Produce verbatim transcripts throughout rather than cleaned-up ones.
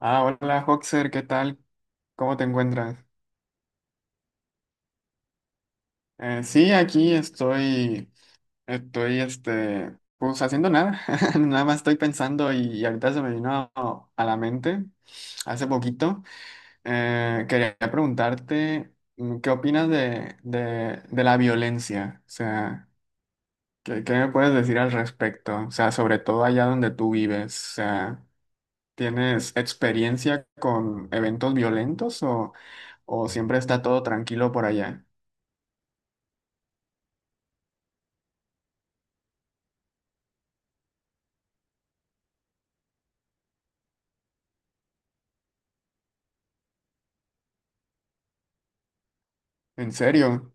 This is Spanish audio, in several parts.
Ah, hola Hoxer, ¿qué tal? ¿Cómo te encuentras? Eh, sí, aquí estoy, estoy, este, pues haciendo nada, nada más estoy pensando y, ahorita se me vino a la mente hace poquito. Eh, quería preguntarte, mm, ¿qué opinas de, de, de la violencia? O sea, ¿qué, qué me puedes decir al respecto? O sea, sobre todo allá donde tú vives, o sea, ¿tienes experiencia con eventos violentos o... ¿O siempre está todo tranquilo por allá? ¿En serio?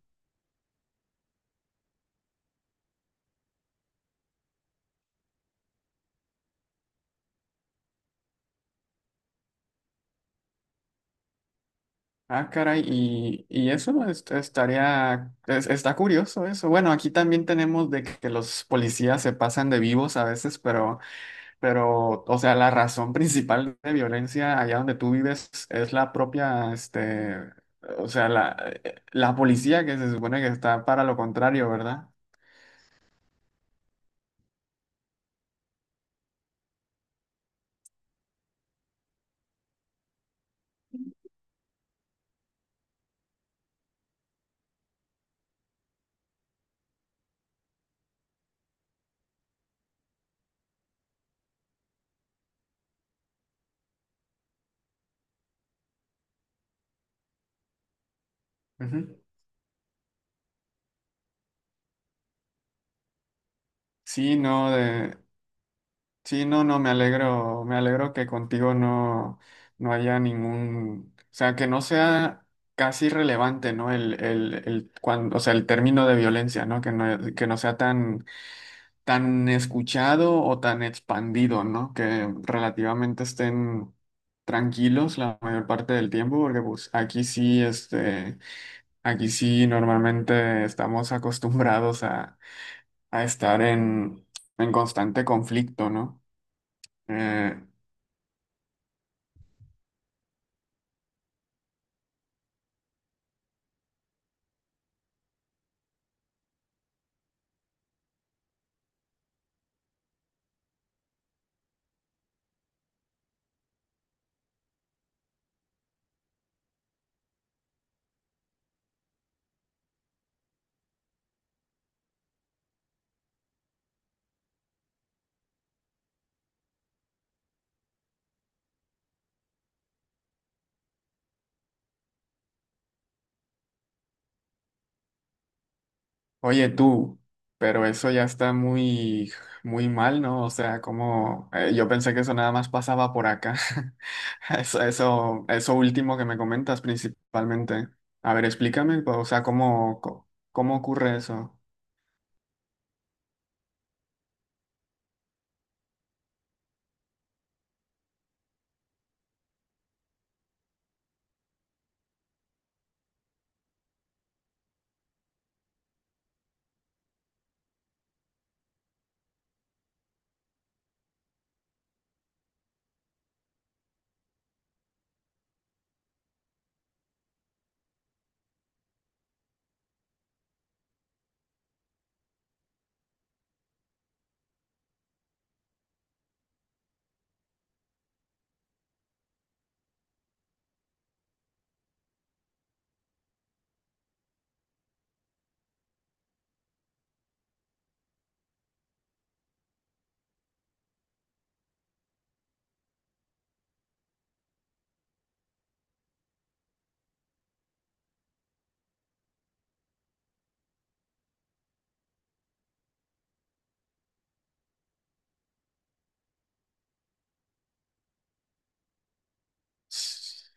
Ah, caray, y, y eso es- estaría, es- está curioso eso. Bueno, aquí también tenemos de que los policías se pasan de vivos a veces, pero, pero, o sea, la razón principal de violencia allá donde tú vives es la propia, este, o sea, la, eh, la policía que se supone que está para lo contrario, ¿verdad? Ujú. Sí, no, de, Sí, no, no, me alegro, me alegro que contigo no, no haya ningún, o sea, que no sea casi relevante, ¿no? El, el, el, cuando, o sea, el término de violencia, ¿no? Que no, que no sea tan, tan escuchado o tan expandido, ¿no? Que relativamente estén tranquilos la mayor parte del tiempo, porque pues aquí sí, este, aquí sí normalmente estamos acostumbrados a, a estar en, en constante conflicto, ¿no? Eh, Oye tú, pero eso ya está muy, muy mal, ¿no? O sea, como eh, yo pensé que eso nada más pasaba por acá. Eso, eso, eso último que me comentas principalmente. A ver, explícame, pues, o sea, cómo, co- cómo ocurre eso. S-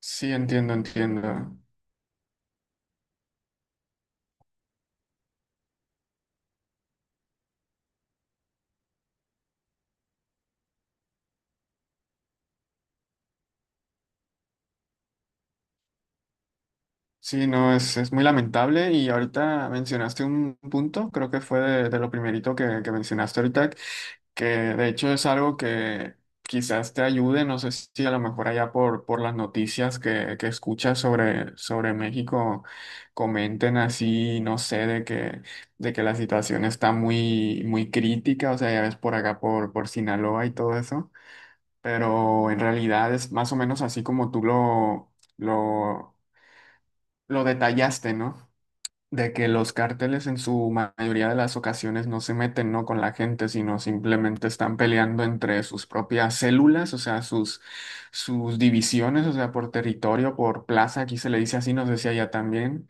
Sí, entiendo, entiendo. Sí, no, es, es muy lamentable y ahorita mencionaste un punto, creo que fue de, de lo primerito que, que mencionaste ahorita, que de hecho es algo que quizás te ayude, no sé si a lo mejor allá por, por las noticias que, que escuchas sobre, sobre México comenten así, no sé, de que, de que la situación está muy, muy crítica, o sea, ya ves por acá por, por Sinaloa y todo eso, pero en realidad es más o menos así como tú lo, lo, lo detallaste, ¿no? De que los cárteles en su ma- mayoría de las ocasiones no se meten, ¿no? con la gente, sino simplemente están peleando entre sus propias células, o sea, sus, sus divisiones, o sea, por territorio, por plaza, aquí se le dice así, no sé si allá también.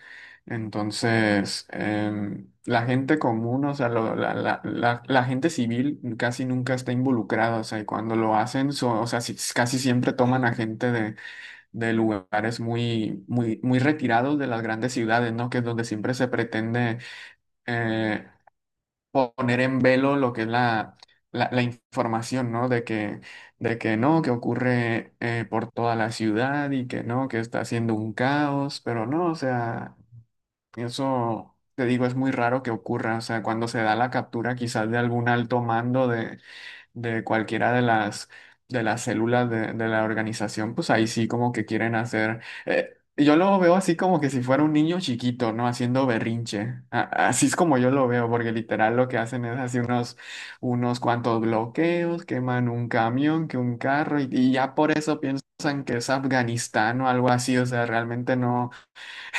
Entonces, em, la gente común, o sea, lo- la, la, la, la gente civil casi nunca está involucrada, o sea, y cuando lo hacen, so- o sea, si- casi siempre toman a gente de de lugares muy, muy, muy retirados de las grandes ciudades, ¿no? Que es donde siempre se pretende eh, poner en velo lo que es la, la, la información, ¿no? De que, de que no, que ocurre eh, por toda la ciudad y que no, que está haciendo un caos, pero no, o sea, eso... Te digo, es muy raro que ocurra, o sea, cuando se da la captura quizás de algún alto mando de, de cualquiera de las, de las células de, de la organización, pues ahí sí como que quieren hacer... eh, yo lo veo así como que si fuera un niño chiquito, ¿no? Haciendo berrinche. A- así es como yo lo veo, porque literal lo que hacen es así unos, unos cuantos bloqueos, queman un camión, que un carro, y, y ya por eso piensan que es Afganistán o algo así, o sea, realmente no,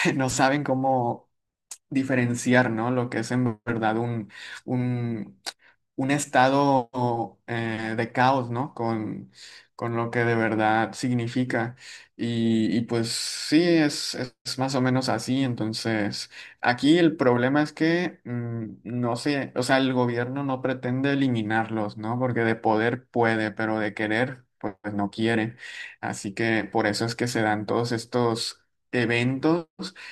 no saben cómo diferenciar, ¿no? Lo que es en verdad un, un, un estado eh, de caos, ¿no? Con, con lo que de verdad significa. Y, y pues sí, es, es más o menos así. Entonces, aquí el problema es que mm, no sé, o sea, el gobierno no pretende eliminarlos, ¿no? Porque de poder puede, pero de querer, pues pues no quiere. Así que por eso es que se dan todos estos eventos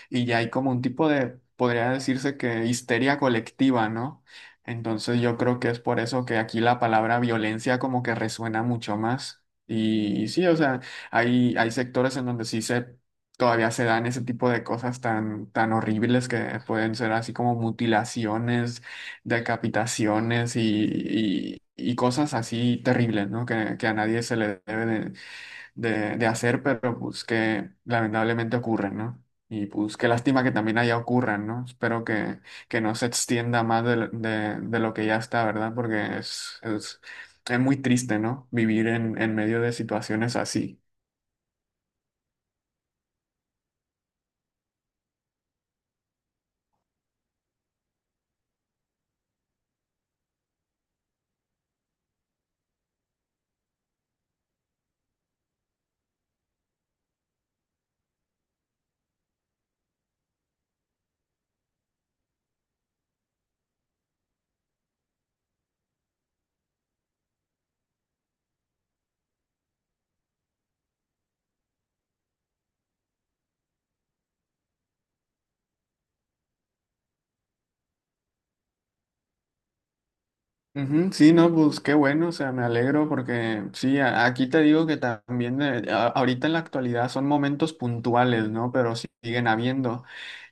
y ya hay como un tipo de, podría decirse que histeria colectiva, ¿no? Entonces yo creo que es por eso que aquí la palabra violencia como que resuena mucho más. Y, y sí, o sea, hay, hay sectores en donde sí se todavía se dan ese tipo de cosas tan, tan horribles que pueden ser así como mutilaciones, decapitaciones y, y- y cosas así terribles, ¿no? Que, que a nadie se le debe de, de, de hacer, pero pues que lamentablemente ocurren, ¿no? Y pues qué lástima que también allá ocurran, ¿no? Espero que, que no se extienda más de, de- de lo que ya está, ¿verdad? Porque es, es, es muy triste, ¿no? Vivir en, en medio de situaciones así. Ujú, sí, no, pues qué bueno, o sea, me alegro porque sí, a- aquí te digo que también eh, a- ahorita en la actualidad son momentos puntuales, ¿no? Pero siguen habiendo.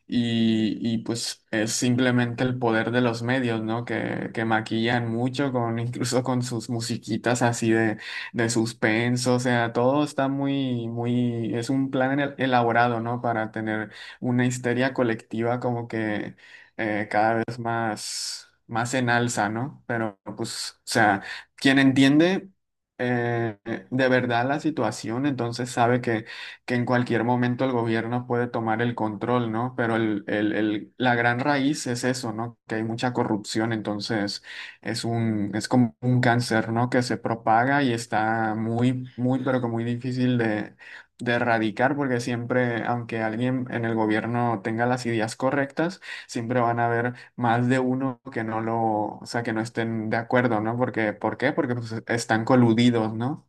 Y, y, pues es simplemente el poder de los medios, ¿no? Que, que maquillan mucho con, incluso con sus musiquitas así de, de suspenso. O sea, todo está muy, muy, es un plan el- elaborado, ¿no? Para tener una histeria colectiva como que eh, cada vez más, más en alza, ¿no? Pero pues, o sea, quien entiende eh, de verdad la situación, entonces sabe que que en cualquier momento el gobierno puede tomar el control, ¿no? Pero el, el- el- la gran raíz es eso, ¿no? Que hay mucha corrupción, entonces es un, es como un cáncer, ¿no? Que se propaga y está muy, muy, pero que muy difícil de, de erradicar, porque siempre, aunque alguien en el gobierno tenga las ideas correctas, siempre van a haber más de uno que no lo, o sea, que no estén de acuerdo, ¿no? Porque, ¿por qué? Porque pues, están coludidos, ¿no? O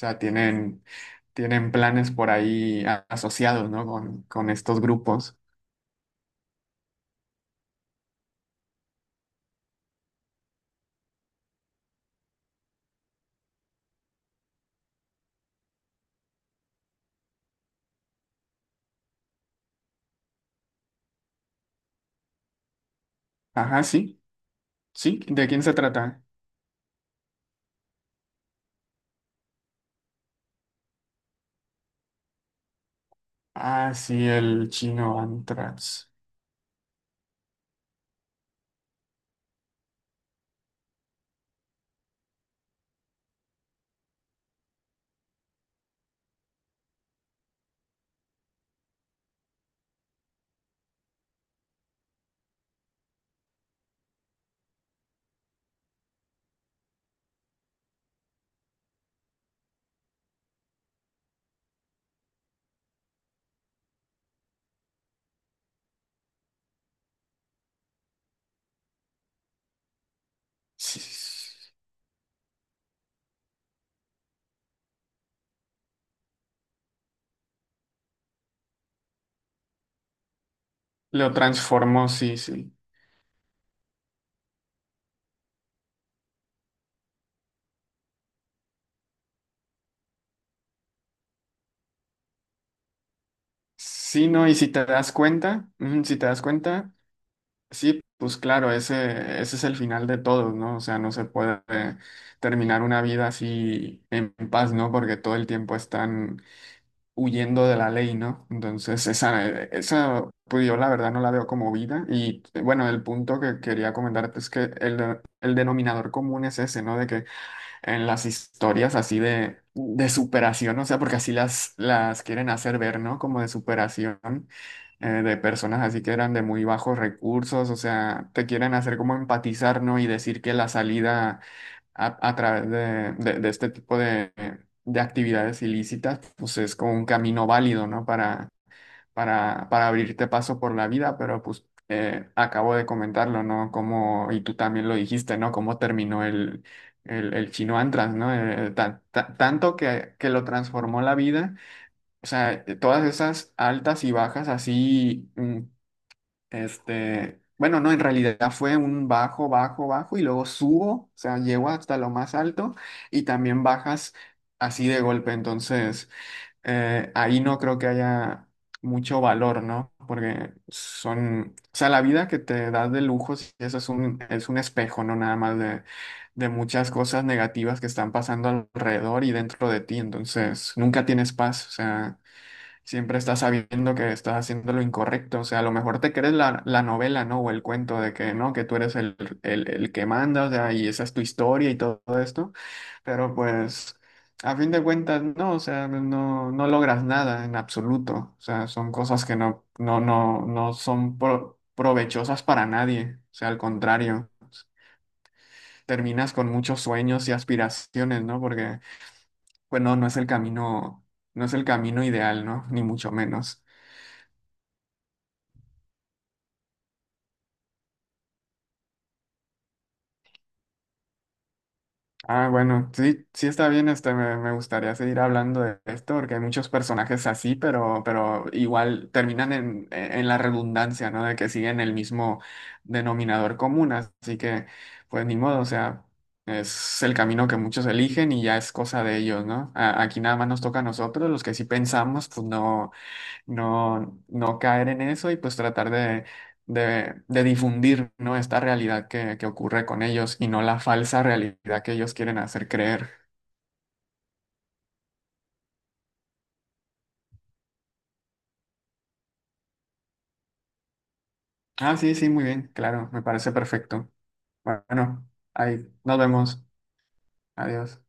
sea, tienen, tienen planes por ahí a- asociados, ¿no? Con, con estos grupos. Ajá, sí, sí. ¿De quién se trata? Ah, sí, el chino Antrax. Sí, sí. Sí. Lo transformó, sí, sí. Sí, no, y si te das cuenta, mm, si te das cuenta, sí, pues claro, ese, ese es el final de todos, ¿no? O sea, no se puede terminar una vida así en paz, ¿no? Porque todo el tiempo están huyendo de la ley, ¿no? Entonces, esa, eh, esa, pues yo la verdad no la veo como vida. Y eh, bueno, el punto que quería comentarte es que el, el denominador común es ese, ¿no? De que en las historias así de, de superación, o sea, porque así las, las quieren hacer ver, ¿no? Como de superación eh, de personas así que eran de muy bajos recursos, o sea, te quieren hacer como empatizar, ¿no? Y decir que la salida a, a través de, de- de este tipo de, de actividades ilícitas, pues es como un camino válido, ¿no? Para para, para abrirte paso por la vida, pero pues eh, acabo de comentarlo, ¿no? Como, y tú también lo dijiste, ¿no? Cómo terminó el, el, el chino Antras, ¿no? Eh, eh, tan- ta- tanto que, que lo transformó la vida, o sea, eh, todas esas altas y bajas así, mm, este, bueno, no, en realidad fue un bajo, bajo, bajo, y luego subo, o sea, llego hasta lo más alto y también bajas así de golpe, entonces eh, ahí no creo que haya mucho valor, ¿no? Porque son, o sea, la vida que te da de lujos, eso es un, es un espejo, ¿no? Nada más de, de muchas cosas negativas que están pasando alrededor y dentro de ti, entonces nunca tienes paz, o sea, siempre estás sabiendo que estás haciendo lo incorrecto, o sea, a lo mejor te crees la, la novela, ¿no? O el cuento de que, ¿no? Que tú eres el, el, el que manda, o sea, y esa es tu historia y todo esto pero pues, a fin de cuentas, no, o sea, no, no logras nada en absoluto. O sea, son cosas que no, no, no, no son pro- provechosas para nadie. O sea, al contrario, terminas con muchos sueños y aspiraciones, ¿no? Porque, pues no, no es el camino, no es el camino ideal, ¿no? Ni mucho menos. Ah, bueno, sí, sí está bien, este, me, me gustaría seguir hablando de esto porque hay muchos personajes así, pero, pero igual terminan en, e, en la redundancia, ¿no? De que siguen el mismo denominador común, así que pues ni modo, o sea, es el camino que muchos eligen y ya es cosa de ellos, ¿no? A- aquí nada más nos toca a nosotros, los que sí pensamos, pues no no, no caer en eso y pues tratar de, de, de difundir, ¿no? Esta realidad que, que ocurre con ellos y no la falsa realidad que ellos quieren hacer creer. Ah, sí, sí, muy bien, claro, me parece perfecto. Bueno, ahí nos vemos. Adiós.